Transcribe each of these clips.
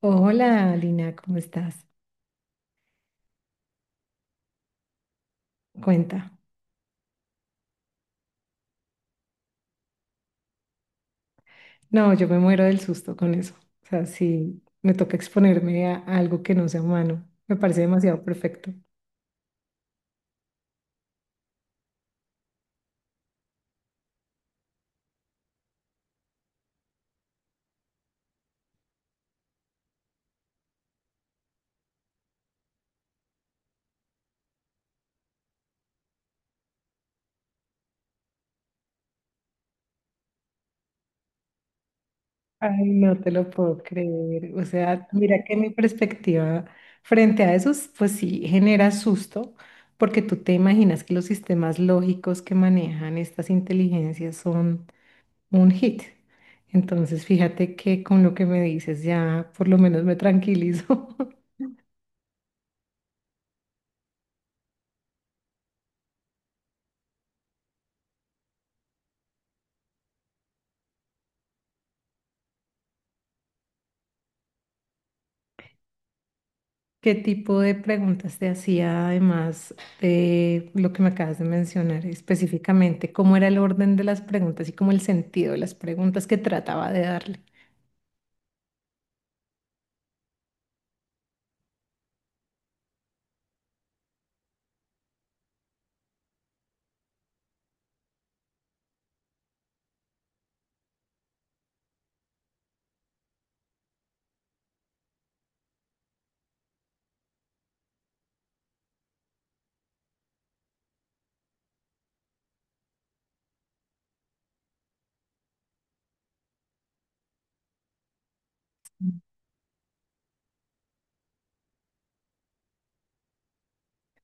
Hola, Lina, ¿cómo estás? Cuenta. No, yo me muero del susto con eso. O sea, si me toca exponerme a algo que no sea humano, me parece demasiado perfecto. Ay, no te lo puedo creer. O sea, mira que mi perspectiva frente a eso, pues sí, genera susto, porque tú te imaginas que los sistemas lógicos que manejan estas inteligencias son un hit. Entonces, fíjate que con lo que me dices ya por lo menos me tranquilizo. ¿Qué tipo de preguntas te hacía además de lo que me acabas de mencionar específicamente? ¿Cómo era el orden de las preguntas y cómo el sentido de las preguntas que trataba de darle?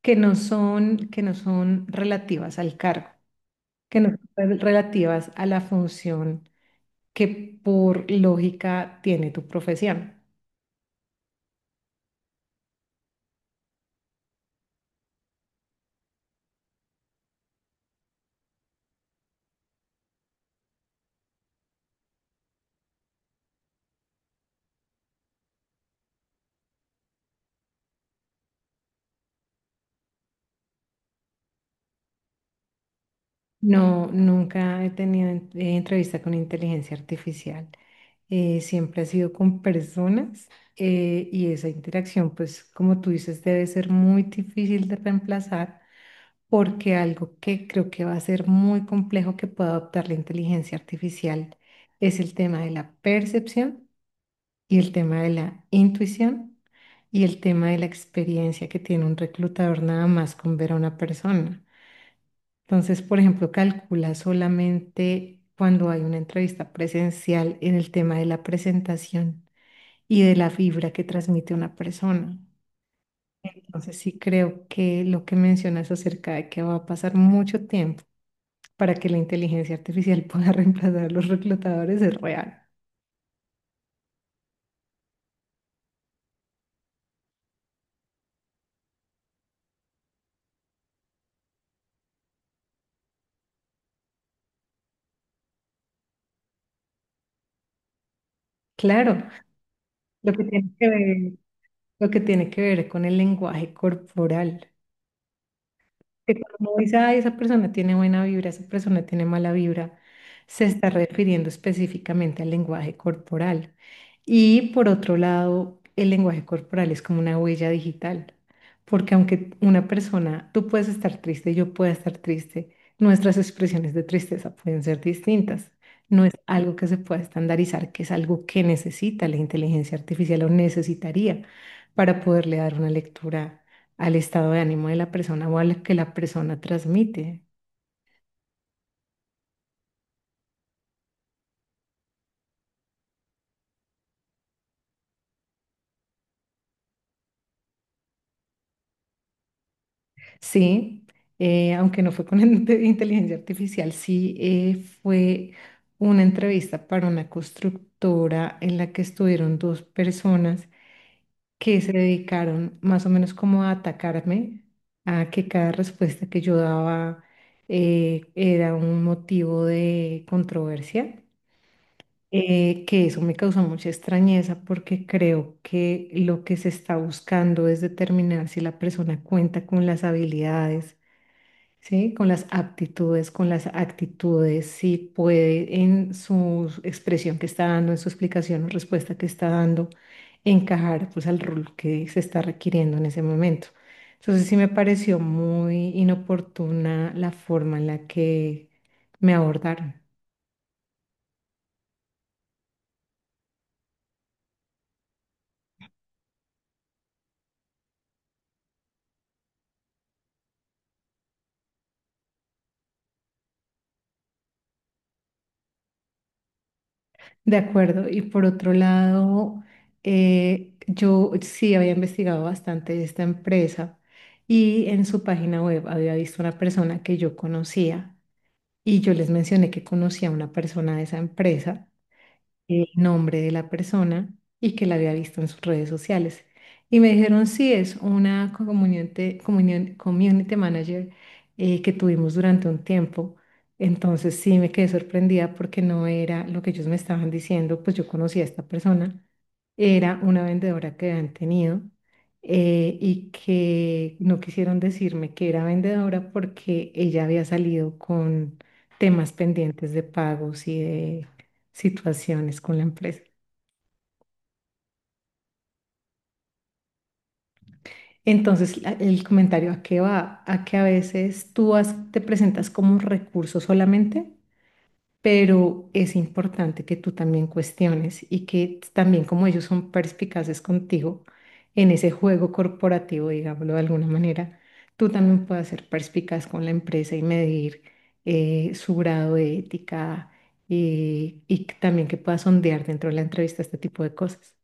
Que no son relativas al cargo, que no son relativas a la función que por lógica tiene tu profesión. No, nunca he tenido entrevista con inteligencia artificial. Siempre ha sido con personas y esa interacción, pues como tú dices, debe ser muy difícil de reemplazar porque algo que creo que va a ser muy complejo que pueda adoptar la inteligencia artificial es el tema de la percepción y el tema de la intuición y el tema de la experiencia que tiene un reclutador nada más con ver a una persona. Entonces, por ejemplo, calcula solamente cuando hay una entrevista presencial en el tema de la presentación y de la vibra que transmite una persona. Entonces, sí creo que lo que mencionas acerca de que va a pasar mucho tiempo para que la inteligencia artificial pueda reemplazar a los reclutadores es real. Claro, lo que tiene que ver, lo que tiene que ver con el lenguaje corporal. Que cuando uno dice, ay, esa persona tiene buena vibra, esa persona tiene mala vibra, se está refiriendo específicamente al lenguaje corporal. Y por otro lado, el lenguaje corporal es como una huella digital, porque aunque una persona, tú puedes estar triste, yo pueda estar triste, nuestras expresiones de tristeza pueden ser distintas. No es algo que se pueda estandarizar, que es algo que necesita la inteligencia artificial o necesitaría para poderle dar una lectura al estado de ánimo de la persona o a lo que la persona transmite. Sí, aunque no fue con inteligencia artificial, sí fue una entrevista para una constructora en la que estuvieron dos personas que se dedicaron más o menos como a atacarme, a que cada respuesta que yo daba era un motivo de controversia. Que eso me causó mucha extrañeza porque creo que lo que se está buscando es determinar si la persona cuenta con las habilidades, ¿sí? Con las aptitudes, con las actitudes, si puede en su expresión que está dando, en su explicación o respuesta que está dando, encajar pues al rol que se está requiriendo en ese momento. Entonces sí me pareció muy inoportuna la forma en la que me abordaron. De acuerdo. Y por otro lado, yo sí había investigado bastante esta empresa y en su página web había visto una persona que yo conocía y yo les mencioné que conocía a una persona de esa empresa, el nombre de la persona, y que la había visto en sus redes sociales. Y me dijeron, sí, es una community manager que tuvimos durante un tiempo. Entonces sí me quedé sorprendida porque no era lo que ellos me estaban diciendo, pues yo conocí a esta persona, era una vendedora que habían tenido y que no quisieron decirme que era vendedora porque ella había salido con temas pendientes de pagos y de situaciones con la empresa. Entonces, el comentario a qué va, a que a veces te presentas como un recurso solamente, pero es importante que tú también cuestiones y que también como ellos son perspicaces contigo en ese juego corporativo, digámoslo de alguna manera, tú también puedas ser perspicaz con la empresa y medir su grado de ética, y también que puedas sondear dentro de la entrevista este tipo de cosas.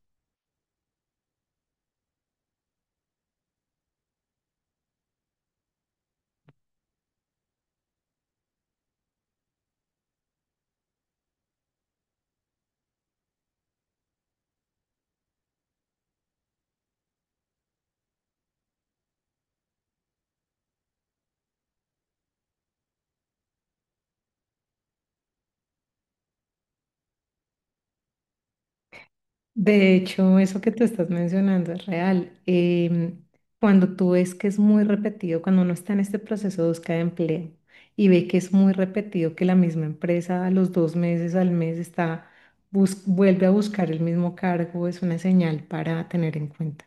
De hecho, eso que tú estás mencionando es real. Cuando tú ves que es muy repetido, cuando uno está en este proceso de búsqueda de empleo y ve que es muy repetido, que la misma empresa a los dos meses, al mes, está, vuelve a buscar el mismo cargo, es una señal para tener en cuenta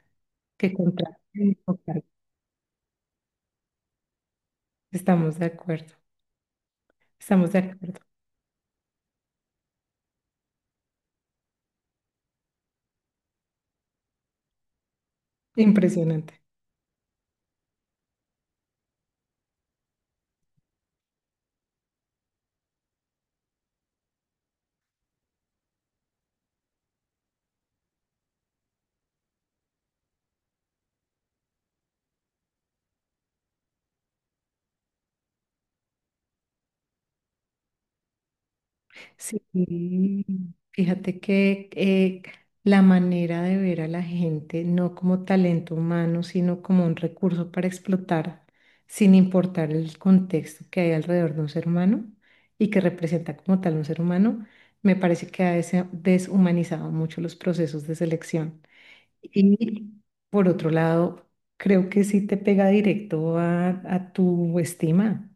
que contraten el mismo cargo. Estamos de acuerdo, estamos de acuerdo. Impresionante. Sí, fíjate que la manera de ver a la gente no como talento humano, sino como un recurso para explotar, sin importar el contexto que hay alrededor de un ser humano y que representa como tal un ser humano, me parece que ha deshumanizado mucho los procesos de selección. Y por otro lado, creo que sí te pega directo a tu estima,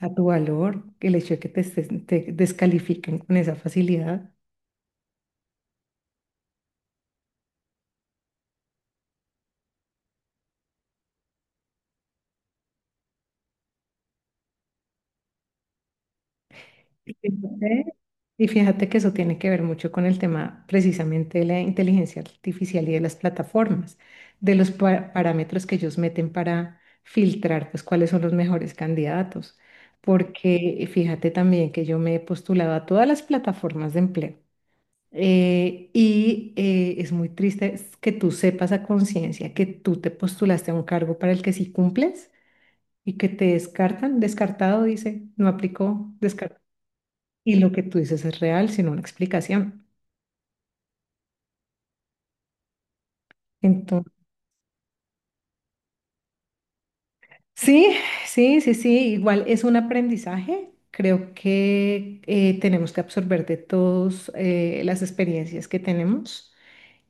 a tu valor, el hecho de que te descalifiquen con esa facilidad. Y fíjate y fíjate que eso tiene que ver mucho con el tema precisamente de la inteligencia artificial y de las plataformas, de los parámetros que ellos meten para filtrar, pues cuáles son los mejores candidatos. Porque fíjate también que yo me he postulado a todas las plataformas de empleo. Es muy triste es que tú sepas a conciencia que tú te postulaste a un cargo para el que sí cumples y que te descartan, descartado dice, no aplicó, descartado. Y lo que tú dices es real, sino una explicación. Entonces, sí, sí, sí, sí, igual es un aprendizaje. Creo que tenemos que absorber de todos las experiencias que tenemos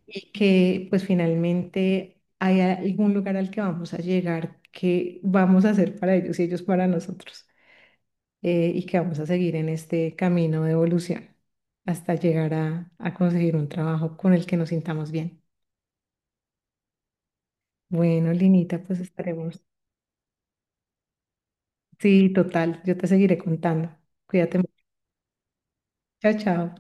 y que pues finalmente hay algún lugar al que vamos a llegar que vamos a hacer para ellos y ellos para nosotros. Y que vamos a seguir en este camino de evolución hasta llegar a conseguir un trabajo con el que nos sintamos bien. Bueno, Linita, pues estaremos. Sí, total, yo te seguiré contando. Cuídate mucho. Chao, chao.